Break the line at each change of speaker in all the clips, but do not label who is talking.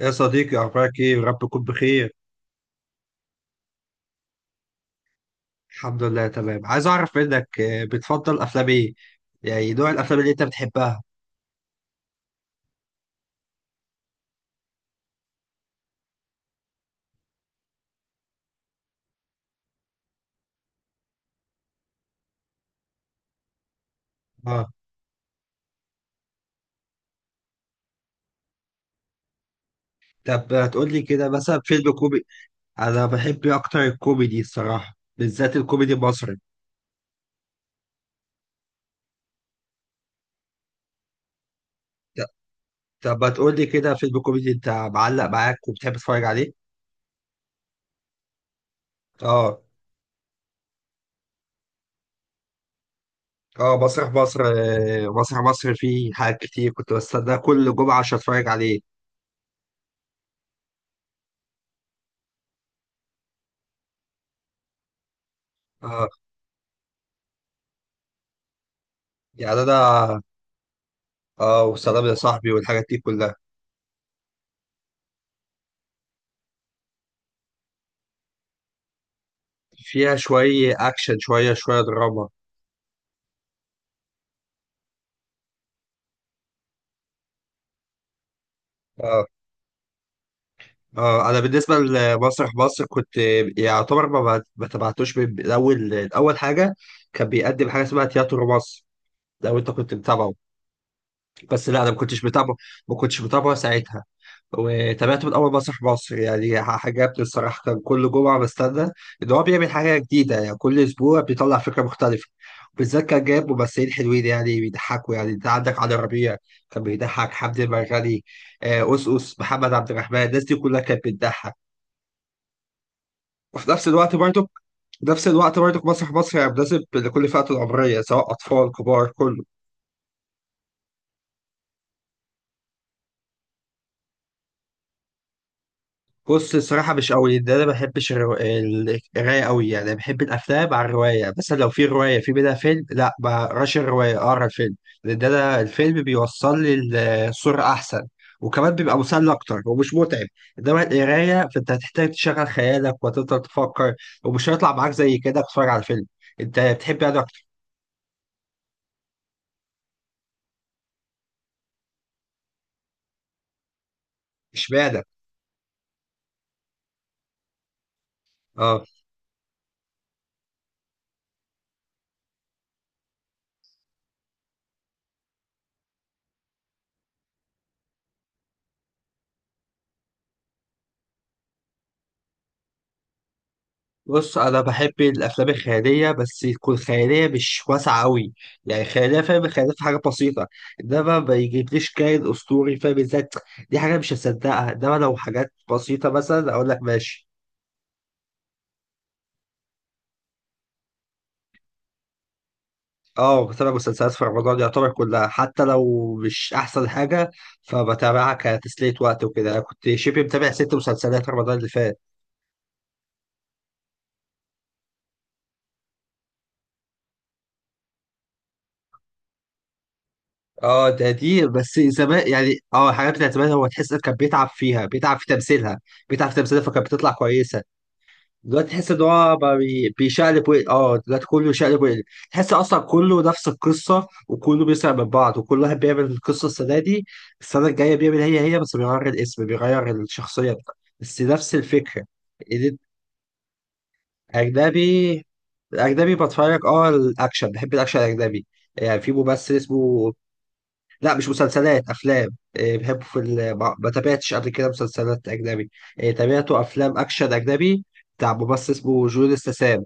يا صديقي، أخبارك إيه؟ رب تكون بخير. الحمد لله تمام. عايز أعرف منك بتفضل أفلام إيه؟ يعني نوع الأفلام اللي أنت بتحبها. أه. طب هتقول لي كده مثلا فيلم كوميدي؟ أنا بحب أكتر الكوميدي الصراحة، بالذات الكوميدي المصري. ط- طب هتقول لي كده فيلم كوميدي أنت معلق معاك وبتحب تتفرج عليه؟ أه. أه، مسرح مصر. مسرح مصر فيه حاجات كتير، كنت بستناه كل جمعة عشان أتفرج عليه. أه. يعني أنا وسلام يا صاحبي والحاجات دي كلها. فيها شوية أكشن، شوية شوية دراما. اه، اه. أنا بالنسبة لمسرح مصر كنت يعتبر ما تبعتوش من الأول الأول حاجة. كان بيقدم حاجة اسمها تياترو مصر، لو أنت كنت متابعه. بس لا، أنا ما كنتش متابعه ساعتها. وتابعت من اول مسرح مصر، يعني عجبني الصراحه. كان كل جمعه بستنى ان هو بيعمل حاجه جديده، يعني كل اسبوع بيطلع فكره مختلفه. بالذات كان جايب ممثلين حلوين، يعني بيضحكوا. يعني انت عندك علي ربيع، كان بيضحك، حمدي المرغني، أوس أوس، محمد عبد الرحمن، الناس دي كلها كانت بتضحك. وفي نفس الوقت برضه في نفس الوقت برضه مسرح مصر يعني مناسب لكل فئة العمرية، سواء أطفال كبار، كله. بص، الصراحة مش قوي ده. أنا ما بحبش القراية قوي. يعني بحب الأفلام على الرواية، مثلا لو في رواية في منها فيلم، لا ما أقراش الرواية، أقرا الفيلم. لأن ده أنا الفيلم بيوصل لي الصورة أحسن، وكمان بيبقى مسلي أكتر ومش متعب. إنما القراية، فأنت هتحتاج تشغل خيالك وتفضل تفكر، ومش هيطلع معاك زي كده تتفرج على فيلم. أنت بتحب يعني أكتر؟ إشمعنى؟ آه. بص، انا بحب الافلام الخياليه بس تكون خياليه، مش واسعه قوي. يعني خياليه، فاهم؟ خياليه في حاجه بسيطه. انما ما يجيبليش كائن اسطوري، فاهم ازاي؟ دي حاجه مش هصدقها، انما لو حاجات بسيطه مثلا اقول لك ماشي. اه، بتابع مسلسلات في رمضان يعتبر كلها، حتى لو مش احسن حاجه، فبتابعها كتسليه وقت وكده. انا كنت شبه متابع ست مسلسلات رمضان اللي فات. اه، دي بس زمان، يعني. اه، الحاجات بتاعت زمان، هو تحس إن كان بيتعب فيها، بيتعب في تمثيلها فكانت بتطلع كويسه. دلوقتي تحس ان هو بقى بيشقلب ويقلب. اه دلوقتي كله شقلب ويقلب. تحس اصلا كله نفس القصه، وكله بيسرق من بعض، وكل واحد بيعمل القصه السنه دي، السنه الجايه بيعمل هي هي، بس بيغير الاسم، بيغير الشخصيه بس نفس الفكره. ال- اجنبي. الاجنبي بتفرج، الاكشن، بحب الاكشن الاجنبي. يعني في ممثل اسمه، لا مش مسلسلات، افلام. إيه، بحبه في ما تابعتش قبل كده مسلسلات اجنبي. إيه، تابعته افلام اكشن اجنبي بتاع ممثل اسمه جون استسام.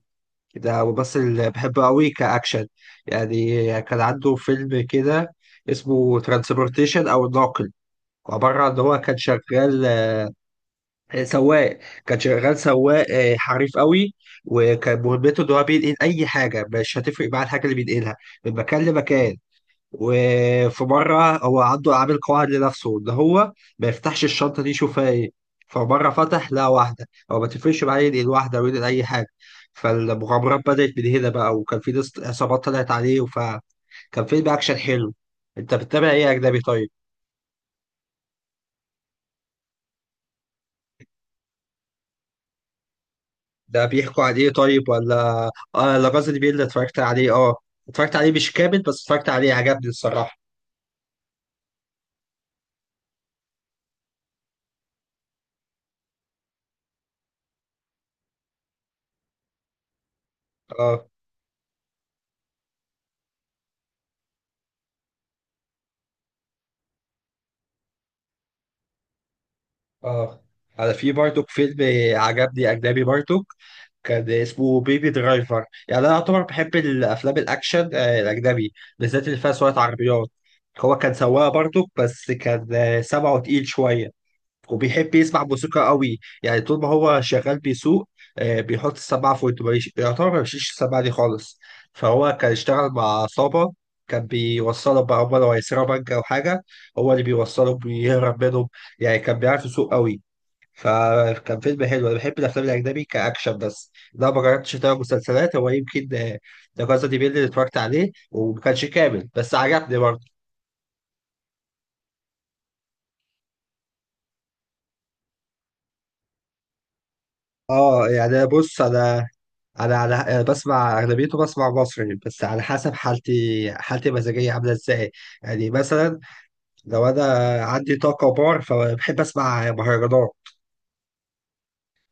ده ممثل بحبه قوي كأكشن. يعني كان عنده فيلم كده اسمه ترانسبورتيشن أو الناقل، عبارة عن إن هو كان شغال سواق. كان شغال سواق حريف قوي، وكان مهمته إن هو بينقل أي حاجة، مش هتفرق معاه الحاجة اللي بينقلها من مكان لمكان. وفي مرة هو عنده عامل قواعد لنفسه إن هو ما يفتحش الشنطة دي يشوف فيها إيه. فمرة فتح لقى واحدة، هو ما تفرقش معاه ينقل واحدة أو ينقل أي حاجة، فالمغامرات بدأت من هنا بقى. وكان في ناس عصابات طلعت عليه، فكان فيلم أكشن حلو. أنت بتتابع إيه أجنبي طيب؟ ده بيحكوا عن إيه طيب؟ ولا لاجاز دي بيل، اتفرجت عليه. أه. اتفرجت عليه مش كامل، بس اتفرجت عليه، عجبني الصراحة. أه، أه. أنا في برضه فيلم عجبني أجنبي برضه، كان اسمه بيبي درايفر. يعني انا اعتبر بحب الافلام الاكشن الاجنبي، بالذات اللي فيها سواقة عربيات. هو كان سواق برضه، بس كان سمعه تقيل شويه، وبيحب يسمع موسيقى قوي. يعني طول ما هو شغال بيسوق، بيحط السماعه في ودنه، يعتبر ما بيشيلش السماعه دي خالص. فهو كان اشتغل مع عصابه، كان بيوصله بقى، هم لو هيسرقوا بنك او حاجه، هو اللي بيوصله، بيهرب منهم. يعني كان بيعرف يسوق قوي، فكان فيلم حلو. انا بحب الافلام الاجنبي كاكشن، بس لا ما جربتش اتابع مسلسلات. هو يمكن لا كاسا دي بيل اللي اتفرجت عليه وما كانش كامل، بس عجبني برضه. اه، يعني أنا. بص، انا انا على أنا بسمع اغلبيته، بسمع مصري، بس على حسب حالتي المزاجيه عامله ازاي. يعني مثلا لو انا عندي طاقه بار، فبحب اسمع مهرجانات.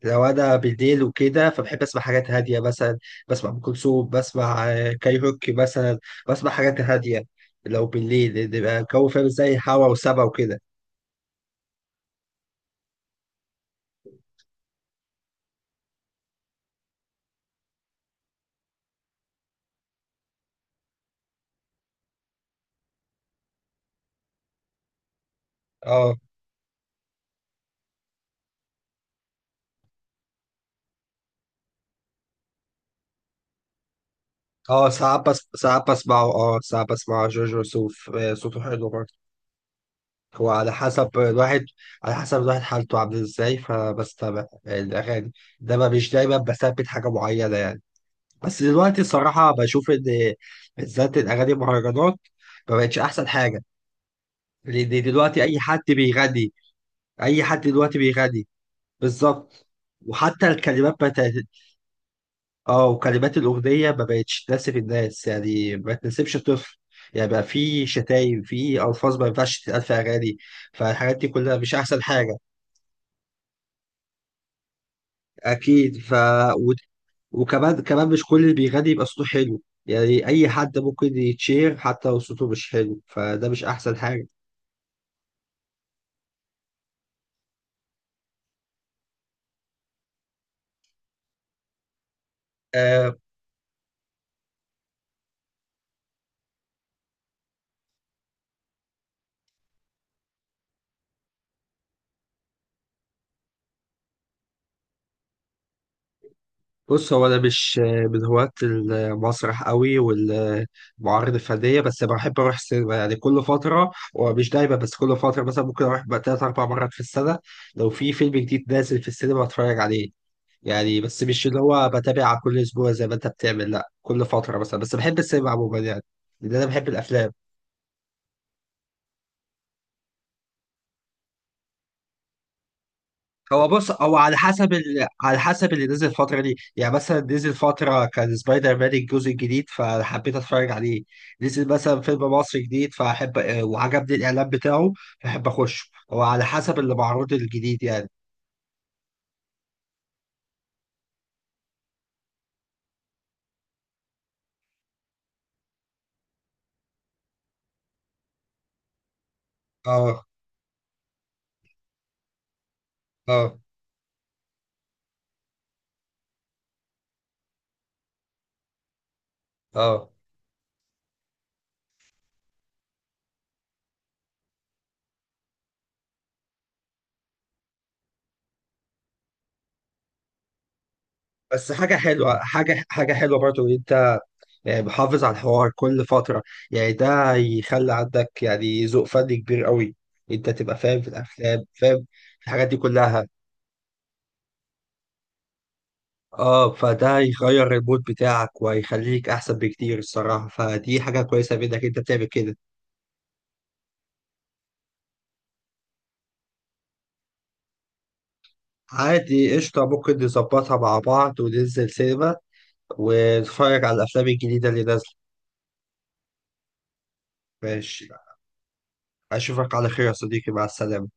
لو انا بالليل وكده، فبحب اسمع حاجات هاديه. مثلا بسمع ام كلثوم، بسمع كايروكي مثلا. بسمع حاجات هاديه لو بالليل، لأن بيبقى الجو فاهم زي هوا وسبا وكده. اه. اه، ساعات، بس ساعات بسمعه. اه، ساعات بسمع جورج وسوف صوته حلو برضه. هو على حسب الواحد على حسب الواحد حالته عامله ازاي، فبستمع الاغاني، انما مش دايما بثبت حاجه معينه، يعني. بس دلوقتي الصراحه بشوف ان بالذات الاغاني المهرجانات ما بقتش احسن حاجه. دلوقتي اي حد بيغني، اي حد دلوقتي بيغني. بالظبط. وحتى الكلمات بتاعت اه، وكلمات الاغنيه ما بقتش تناسب الناس، يعني ما تناسبش الطفل. يعني بقى في شتايم، في الفاظ ما ينفعش تتقال في اغاني، فالحاجات دي كلها مش احسن حاجه. اكيد. و... وكمان مش كل اللي بيغني يبقى صوته حلو. يعني اي حد ممكن يتشير حتى لو صوته مش حلو، فده مش احسن حاجه. آه، بص، هو انا مش من هواة المسرح قوي والمعارض الفنيه، بس بحب اروح السينما يعني كل فتره، ومش دايما. بس كل فتره مثلا، ممكن اروح بقى تلات اربع مرات في السنه، لو في فيلم جديد نازل في السينما اتفرج عليه. يعني بس مش اللي هو بتابع كل اسبوع زي ما انت بتعمل، لا كل فتره مثلا، بس بحب السينما عموما يعني، لان انا بحب الافلام. هو بص، هو على حسب على حسب اللي نزل الفترة دي. يعني مثلا نزل فترة كان سبايدر مان الجزء الجديد، فحبيت اتفرج عليه. نزل مثلا فيلم مصري جديد فاحب، وعجبني الاعلان بتاعه فاحب اخش. هو على حسب اللي معروض الجديد، يعني. اه، اه، اه. بس حاجة حلوة برضو إن أنت يعني محافظ على الحوار كل فترة. يعني ده يخلي عندك يعني ذوق فني كبير قوي، أنت تبقى فاهم في الأفلام، فاهم في الحاجات دي كلها. اه، فده هيغير المود بتاعك وهيخليك احسن بكتير الصراحه، فدي حاجه كويسه منك انت بتعمل كده. عادي، قشطه، ممكن نظبطها مع بعض وننزل سينما، ونتفرج على الافلام الجديده اللي نازله. ماشي، اشوفك على خير يا صديقي، مع السلامه.